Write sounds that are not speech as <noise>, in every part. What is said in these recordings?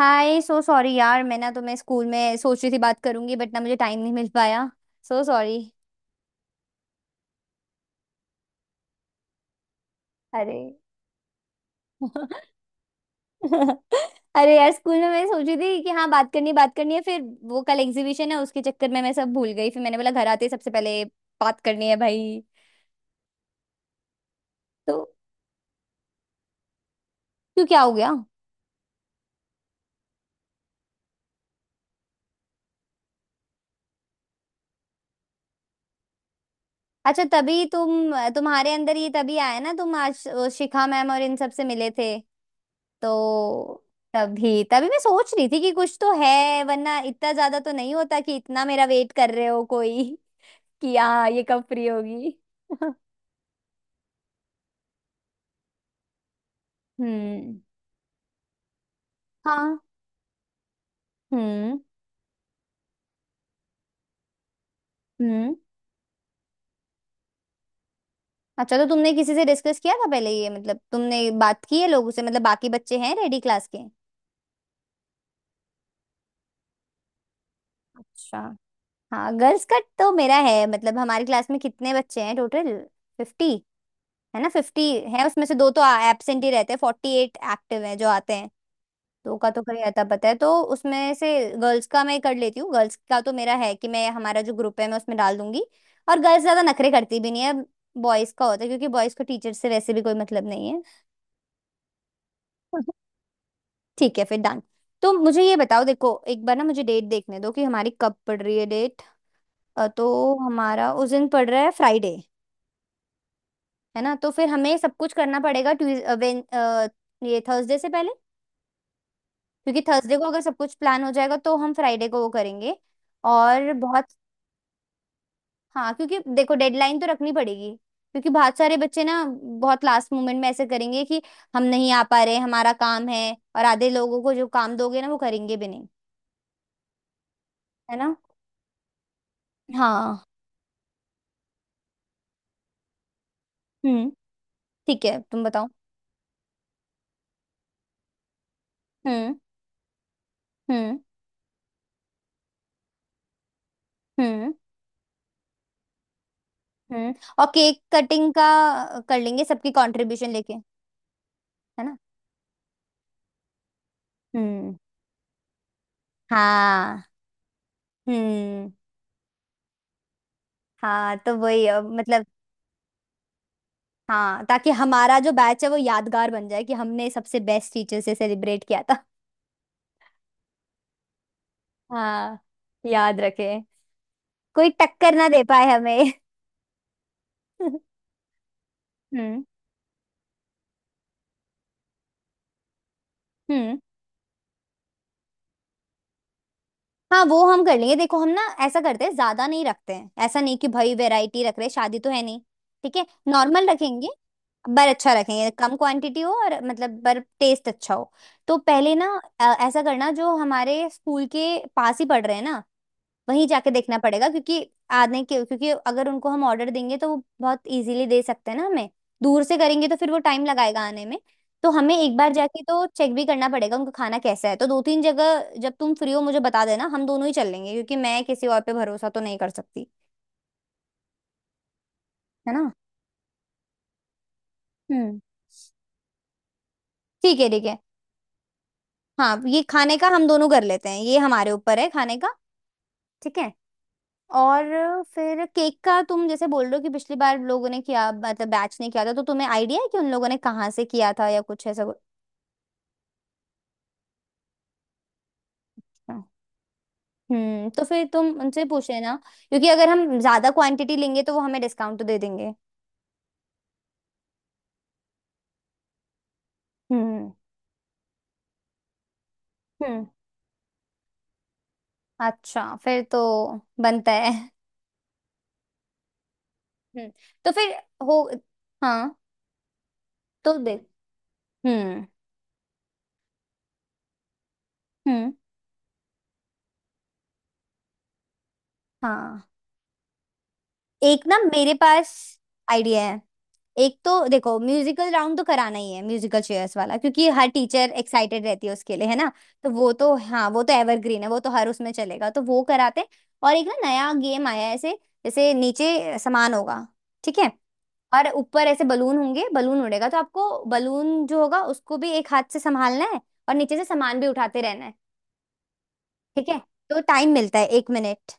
हाय so sorry यार मैं ना तुम्हें स्कूल में सोच रही थी बात करूंगी बट ना मुझे टाइम नहीं मिल पाया। So sorry. अरे <laughs> अरे यार स्कूल में मैं सोच रही थी कि हाँ बात करनी है। फिर वो कल एग्जीबिशन है उसके चक्कर में मैं सब भूल गई। फिर मैंने बोला घर आते ही सबसे पहले बात करनी है भाई। तो क्यों क्या हो गया। अच्छा तभी तुम्हारे अंदर ये तभी आया ना तुम आज शिखा मैम और इन सब से मिले थे तो। तभी तभी मैं सोच रही थी कि कुछ तो है वरना इतना ज्यादा तो नहीं होता कि इतना मेरा वेट कर रहे हो कोई <laughs> कि हाँ ये कब फ्री होगी। <laughs> हम्म। हाँ। हम्म। हम्म। अच्छा तो तुमने किसी से डिस्कस किया था पहले ये मतलब तुमने बात की है लोगों से मतलब बाकी बच्चे हैं रेडी क्लास के। अच्छा। हाँ गर्ल्स का तो मेरा है मतलब हमारी क्लास में कितने बच्चे हैं टोटल। फिफ्टी। है ना फिफ्टी है उसमें से दो तो एब्सेंट ही रहते हैं फोर्टी एट एक्टिव हैं जो आते हैं। दो का तो कहीं आता पता है तो उसमें से गर्ल्स का मैं कर लेती हूँ। गर्ल्स का तो मेरा है कि मैं हमारा जो ग्रुप है मैं उसमें डाल दूंगी। और गर्ल्स ज्यादा नखरे करती भी नहीं है। बॉयज का होता है क्योंकि बॉयज को टीचर से वैसे भी कोई मतलब नहीं है। <laughs> ठीक है फिर डन। तो मुझे ये बताओ देखो एक बार ना मुझे डेट देखने दो कि हमारी कब पड़ रही है डेट। तो हमारा उस दिन पड़ रहा है फ्राइडे। है ना तो फिर हमें सब कुछ करना पड़ेगा ट्यूज अ, वेन अ, ये थर्सडे से पहले। क्योंकि थर्सडे को अगर सब कुछ प्लान हो जाएगा तो हम फ्राइडे को वो करेंगे। और बहुत। हाँ क्योंकि देखो डेडलाइन तो रखनी पड़ेगी। क्योंकि बहुत सारे बच्चे ना बहुत लास्ट मोमेंट में ऐसे करेंगे कि हम नहीं आ पा रहे हमारा काम है और आधे लोगों को जो काम दोगे ना वो करेंगे भी नहीं। है ना। हाँ। हम्म। ठीक है तुम बताओ। हम्म। हम्म। हम्म। हम्म। और केक कटिंग का। कर लेंगे सबकी कंट्रीब्यूशन लेके है ना। हम्म। हाँ। हम्म। हाँ तो वही मतलब। हाँ ताकि हमारा जो बैच है वो यादगार बन जाए कि हमने सबसे बेस्ट टीचर से सेलिब्रेट किया। हाँ। याद रखें। कोई टक्कर ना दे पाए हमें। <laughs> हम्म। हम्म। हाँ वो हम कर लेंगे। देखो हम ना ऐसा करते हैं, ज्यादा नहीं रखते हैं, ऐसा नहीं कि भाई वैरायटी रख रहे हैं, शादी तो है नहीं। ठीक है नॉर्मल रखेंगे। पर अच्छा रखेंगे, कम क्वांटिटी हो और मतलब पर टेस्ट अच्छा हो। तो पहले ना ऐसा करना, जो हमारे स्कूल के पास ही पड़ रहे हैं ना वहीं जाके देखना पड़ेगा, क्योंकि आने के क्योंकि अगर उनको हम ऑर्डर देंगे तो वो बहुत इजीली दे सकते हैं ना हमें। दूर से करेंगे तो फिर वो टाइम लगाएगा आने में। तो हमें एक बार जाके तो चेक भी करना पड़ेगा उनका खाना कैसा है, तो दो तीन जगह जब तुम फ्री हो मुझे बता देना, हम दोनों ही चल लेंगे क्योंकि मैं किसी और पे भरोसा तो नहीं कर सकती। है ना। हम्म। ठीक है। ठीक है। हाँ ये खाने का हम दोनों कर लेते हैं, ये हमारे ऊपर है, खाने का। ठीक है। और फिर केक का तुम जैसे बोल रहे हो कि पिछली बार लोगों ने किया मतलब बैच ने किया था, तो तुम्हें आइडिया है कि उन लोगों ने कहाँ से किया था या कुछ ऐसा कुछ। हाँ। तो फिर तुम उनसे पूछ लेना, क्योंकि अगर हम ज्यादा क्वांटिटी लेंगे तो वो हमें डिस्काउंट तो दे देंगे। हम्म। हम्म। अच्छा फिर तो बनता है। हम्म। तो फिर हो। हाँ। तो देख। हम्म। हम्म। हाँ एक ना मेरे पास आइडिया है। एक तो देखो म्यूजिकल राउंड तो कराना ही है, म्यूजिकल चेयर्स वाला, क्योंकि हर टीचर एक्साइटेड रहती है उसके लिए, है ना। तो वो तो हाँ वो तो एवरग्रीन है, वो तो हर उसमें चलेगा, तो वो कराते हैं। और एक ना नया गेम आया है ऐसे, जैसे नीचे सामान होगा। ठीक है। और ऊपर ऐसे बलून होंगे, बलून उड़ेगा, तो आपको बलून जो होगा उसको भी एक हाथ से संभालना है और नीचे से सामान भी उठाते रहना है। ठीक है। तो टाइम मिलता है एक मिनट।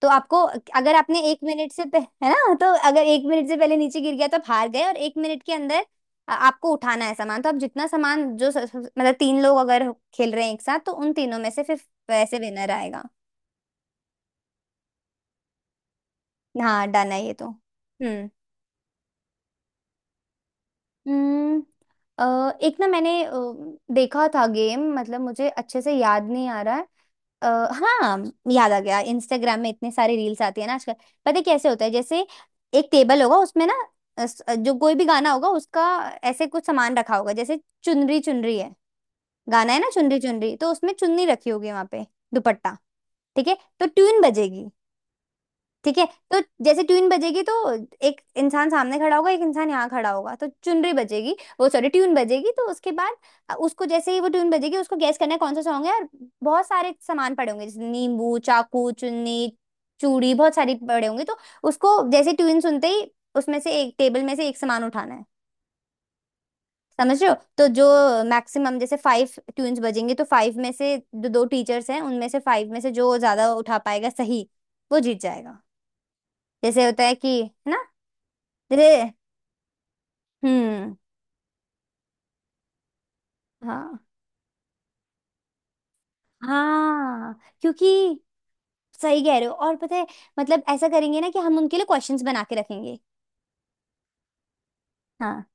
तो आपको अगर आपने एक मिनट से है ना, तो अगर एक मिनट से पहले नीचे गिर गया तो आप हार गए, और एक मिनट के अंदर आपको उठाना है सामान। तो आप जितना सामान जो मतलब तीन लोग अगर खेल रहे हैं एक साथ, तो उन तीनों में से फिर वैसे विनर आएगा। हाँ डन है ये तो। हम्म। हम्म, एक ना मैंने देखा था गेम, मतलब मुझे अच्छे से याद नहीं आ रहा है। अ, हाँ याद आ गया, इंस्टाग्राम में इतने सारे रील्स आती है ना आजकल। पता है कैसे होता है, जैसे एक टेबल होगा उसमें ना जो कोई भी गाना होगा उसका ऐसे कुछ सामान रखा होगा, जैसे चुनरी चुनरी है। गाना है ना चुनरी चुनरी, तो उसमें चुन्नी रखी होगी वहां पे। दुपट्टा। ठीक है। तो ट्यून बजेगी। ठीक है। तो जैसे ट्यून बजेगी तो एक इंसान सामने खड़ा होगा, एक इंसान यहाँ खड़ा होगा, तो चुनरी बजेगी, वो सॉरी ट्यून बजेगी, तो उसके बाद उसको जैसे ही वो ट्यून बजेगी उसको गैस करना है कौन सा सॉन्ग है। और बहुत सारे सामान पड़े होंगे जैसे नींबू, चाकू, चुन्नी, चूड़ी, बहुत सारी पड़े होंगे, तो उसको जैसे ट्यून सुनते ही उसमें से एक टेबल में से एक सामान उठाना है। समझ रहे हो, तो जो मैक्सिमम जैसे फाइव ट्यून्स बजेंगे तो फाइव में से जो दो टीचर्स हैं उनमें से फाइव में से जो ज्यादा उठा पाएगा सही वो जीत जाएगा। जैसे होता है कि, है ना। रे। हम्म। हाँ। हाँ क्योंकि सही कह रहे हो, और पता है मतलब ऐसा करेंगे ना कि हम उनके लिए क्वेश्चंस बना के रखेंगे। हाँ।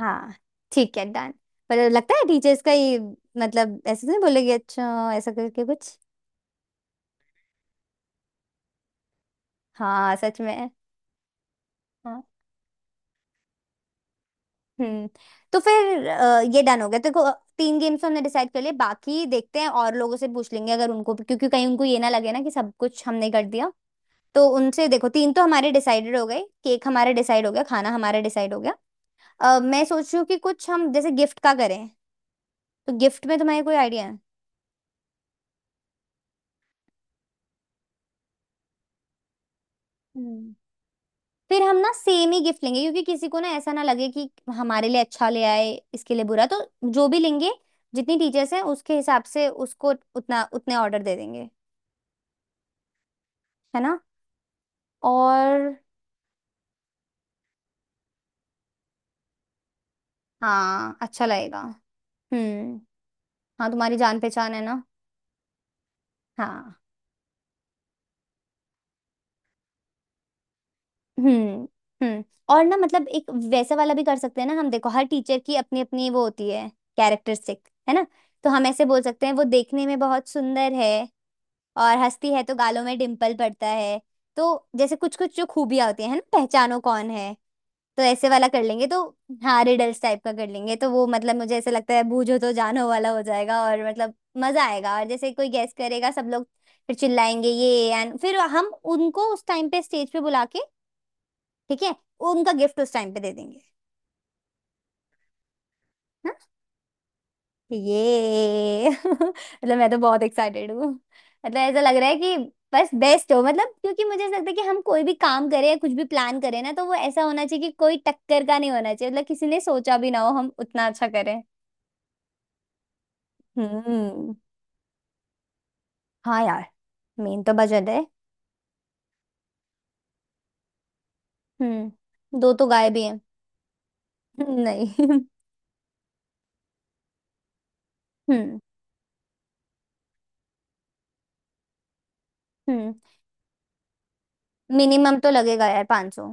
हाँ। ठीक है डन। पर लगता है टीचर्स का ही मतलब ऐसे तो नहीं बोलेगी, अच्छा ऐसा करके कुछ। हाँ सच में। हाँ। हम्म। तो फिर ये डन हो गया, देखो तीन गेम्स हमने डिसाइड कर लिए, बाकी देखते हैं और लोगों से पूछ लेंगे, अगर उनको, क्योंकि कहीं उनको ये ना लगे ना कि सब कुछ हमने कर दिया। तो उनसे देखो तीन तो हमारे डिसाइडेड हो गए, केक हमारा डिसाइड हो गया, खाना हमारा डिसाइड हो गया। मैं सोच रही हूँ कि कुछ हम जैसे गिफ्ट का करें। तो गिफ्ट में तुम्हारे कोई आइडिया है। हम्म। फिर हम ना सेम ही गिफ्ट लेंगे, क्योंकि किसी को ना ऐसा ना लगे कि हमारे लिए अच्छा ले आए, इसके लिए बुरा, तो जो भी लेंगे, जितनी टीचर्स हैं उसके हिसाब से उसको उतना उतने ऑर्डर दे देंगे। है ना। और। हाँ अच्छा लगेगा। हम्म। हाँ तुम्हारी जान पहचान है ना। हाँ। हम्म। हम्म। और ना मतलब एक वैसा वाला भी कर सकते हैं ना हम, देखो हर टीचर की अपनी अपनी वो होती है, कैरेक्टरिस्टिक है ना। तो हम ऐसे बोल सकते हैं वो देखने में बहुत सुंदर है और हंसती है तो गालों में डिम्पल पड़ता है। तो जैसे कुछ कुछ जो खूबियां होती हैं है ना, पहचानो कौन है। तो ऐसे वाला कर लेंगे। तो हाँ रिडल्स टाइप का कर लेंगे, तो वो मतलब मुझे ऐसे लगता है, बूझो तो जानो वाला हो जाएगा और मतलब मजा आएगा, और जैसे कोई गेस करेगा सब लोग फिर चिल्लाएंगे ये, एंड फिर हम उनको उस टाइम पे स्टेज पे बुला के। ठीक है। उनका गिफ्ट उस टाइम पे दे देंगे। हाँ ये <laughs> मतलब मैं तो बहुत एक्साइटेड हूँ। मतलब ऐसा लग रहा है कि बस बेस्ट हो, मतलब क्योंकि मुझे ऐसा लगता है कि हम कोई भी काम करें या कुछ भी प्लान करें ना, तो वो ऐसा होना चाहिए कि कोई टक्कर का नहीं होना चाहिए, मतलब किसी ने सोचा भी ना हो, हम उतना अच्छा करें। हम्म। हाँ यार। मेन तो बजट है। दो तो गाय भी हैं। <laughs> नहीं <laughs> हम्म। हम्म। मिनिमम तो लगेगा यार 500।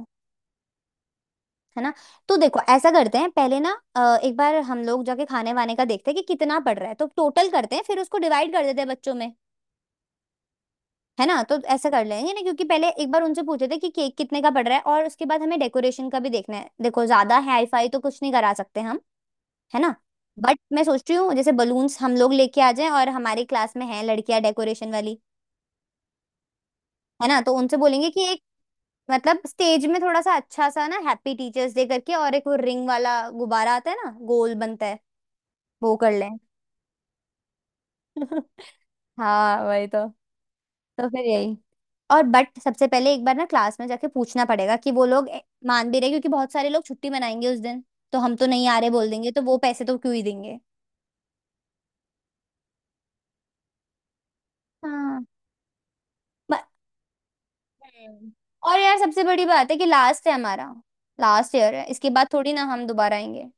है ना। तो देखो ऐसा करते हैं पहले ना एक बार हम लोग जाके खाने वाने का देखते हैं कि कितना पड़ रहा है, तो टोटल करते हैं, फिर उसको डिवाइड कर देते हैं बच्चों में। है ना। तो ऐसा कर लेंगे ना, क्योंकि पहले एक बार उनसे पूछे थे कि केक कितने का पड़ रहा है, और उसके बाद हमें डेकोरेशन का भी देखना है, देखो ज्यादा हाई फाई तो कुछ नहीं करा सकते हम। है ना। बट मैं सोच रही हूँ जैसे बलून्स हम लोग लेके आ जाएं और हमारी क्लास में हैं लड़कियां डेकोरेशन वाली। है ना। तो उनसे बोलेंगे कि एक मतलब स्टेज में थोड़ा सा अच्छा सा ना हैप्पी टीचर्स डे करके, और एक वो रिंग वाला गुब्बारा आता है ना गोल बनता है, वो कर लें। <laughs> हाँ वही तो। तो फिर यही। और बट सबसे पहले एक बार ना क्लास में जाके पूछना पड़ेगा कि वो लोग मान भी रहे, क्योंकि बहुत सारे लोग छुट्टी मनाएंगे उस दिन। तो हम तो नहीं आ रहे बोल देंगे तो वो पैसे तो क्यों ही देंगे। हाँ। म- हम्म। और यार सबसे बड़ी बात है कि लास्ट है हमारा। लास्ट ईयर है, इसके बाद थोड़ी ना हम दोबारा आएंगे।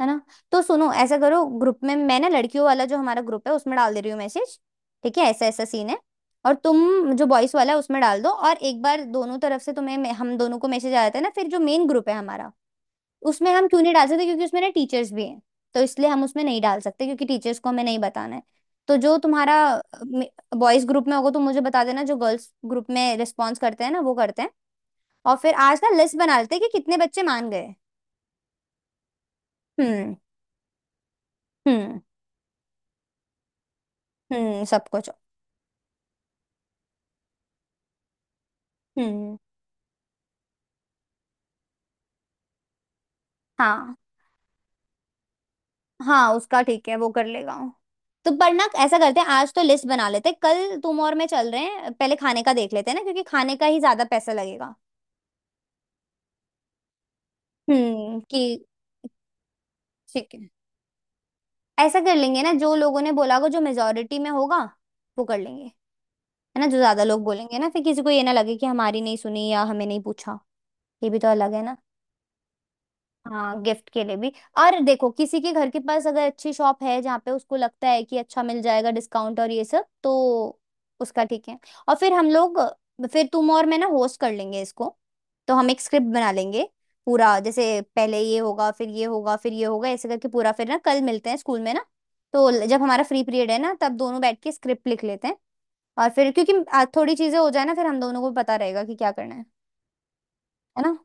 है ना? तो सुनो ऐसा करो, ग्रुप में मैं ना लड़कियों वाला जो हमारा ग्रुप है उसमें डाल दे रही हूँ मैसेज। ठीक है, ऐसा ऐसा सीन है। और तुम जो बॉयस वाला है उसमें डाल दो, और एक बार दोनों तरफ से तुम्हें हम दोनों को मैसेज आ जाता है ना, फिर जो मेन ग्रुप है हमारा, उसमें हम क्यों नहीं डाल सकते क्योंकि उसमें ना टीचर्स भी हैं। तो इसलिए हम उसमें नहीं डाल सकते क्योंकि टीचर्स को हमें नहीं बताना है। तो जो तुम्हारा बॉयज ग्रुप में होगा तो मुझे बता देना, जो गर्ल्स ग्रुप में रिस्पॉन्स करते हैं ना वो करते हैं। और फिर आज ना लिस्ट बना लेते हैं कि कितने बच्चे मान गए। हम्म हम्म। हम्म, सब कुछ। हम्म। हाँ हाँ, उसका ठीक है, वो कर लेगा। तो पर ना ऐसा करते हैं, आज तो लिस्ट बना लेते हैं, कल तुम और मैं चल रहे हैं, पहले खाने का देख लेते हैं ना, क्योंकि खाने का ही ज्यादा पैसा लगेगा। कि ठीक है, ऐसा कर लेंगे ना, जो लोगों ने बोला होगा, जो मेजोरिटी में होगा वो कर लेंगे। है ना, जो ज्यादा लोग बोलेंगे ना, फिर किसी को ये ना लगे कि हमारी नहीं सुनी या हमें नहीं पूछा। ये भी तो अलग है ना। हाँ, गिफ्ट के लिए भी। और देखो, किसी के घर के पास अगर अच्छी शॉप है जहाँ पे उसको लगता है कि अच्छा मिल जाएगा डिस्काउंट और ये सब, तो उसका ठीक है। और फिर हम लोग, फिर तुम और मैं ना होस्ट कर लेंगे इसको, तो हम एक स्क्रिप्ट बना लेंगे पूरा, जैसे पहले ये होगा फिर ये होगा फिर ये होगा ऐसे करके पूरा। फिर ना कल मिलते हैं स्कूल में ना, तो जब हमारा फ्री पीरियड है ना, तब दोनों बैठ के स्क्रिप्ट लिख लेते हैं। और फिर क्योंकि थोड़ी चीजें हो जाए ना, फिर हम दोनों को पता रहेगा कि क्या करना है। है ना।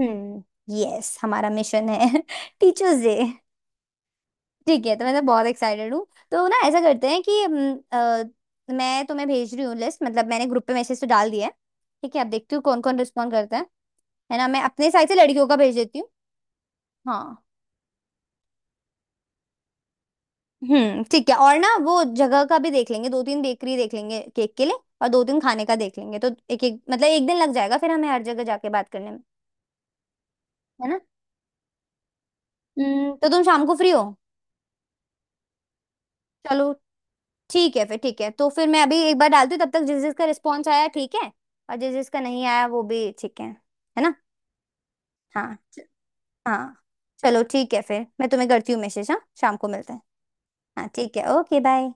हम्म। यस, हमारा मिशन है <laughs> टीचर्स डे। ठीक है, तो मैं तो बहुत एक्साइटेड हूँ। तो ना ऐसा करते हैं कि मैं तुम्हें भेज रही हूँ लिस्ट, मतलब मैंने ग्रुप पे मैसेज तो डाल दिया है। ठीक है, अब देखती हूँ कौन कौन रिस्पॉन्ड करता है। है ना, मैं अपने साइड से लड़कियों का भेज देती हूँ। हाँ। ठीक है, और ना वो जगह का भी देख लेंगे, दो तीन बेकरी देख लेंगे केक के लिए और दो तीन खाने का देख लेंगे, तो एक एक मतलब एक दिन लग जाएगा फिर हमें हर जगह जाके बात करने में। है ना। हम्म, तो तुम शाम को फ्री हो? चलो ठीक है फिर, ठीक है, तो फिर मैं अभी एक बार डालती हूँ, तब तक जिस जिसका रिस्पॉन्स आया ठीक है, और जिस जिसका नहीं आया वो भी ठीक है। है ना। हाँ च- हाँ चलो ठीक है फिर, मैं तुम्हें करती हूँ मैसेज। हाँ, शाम को मिलते हैं। हाँ ठीक है, ओके बाय।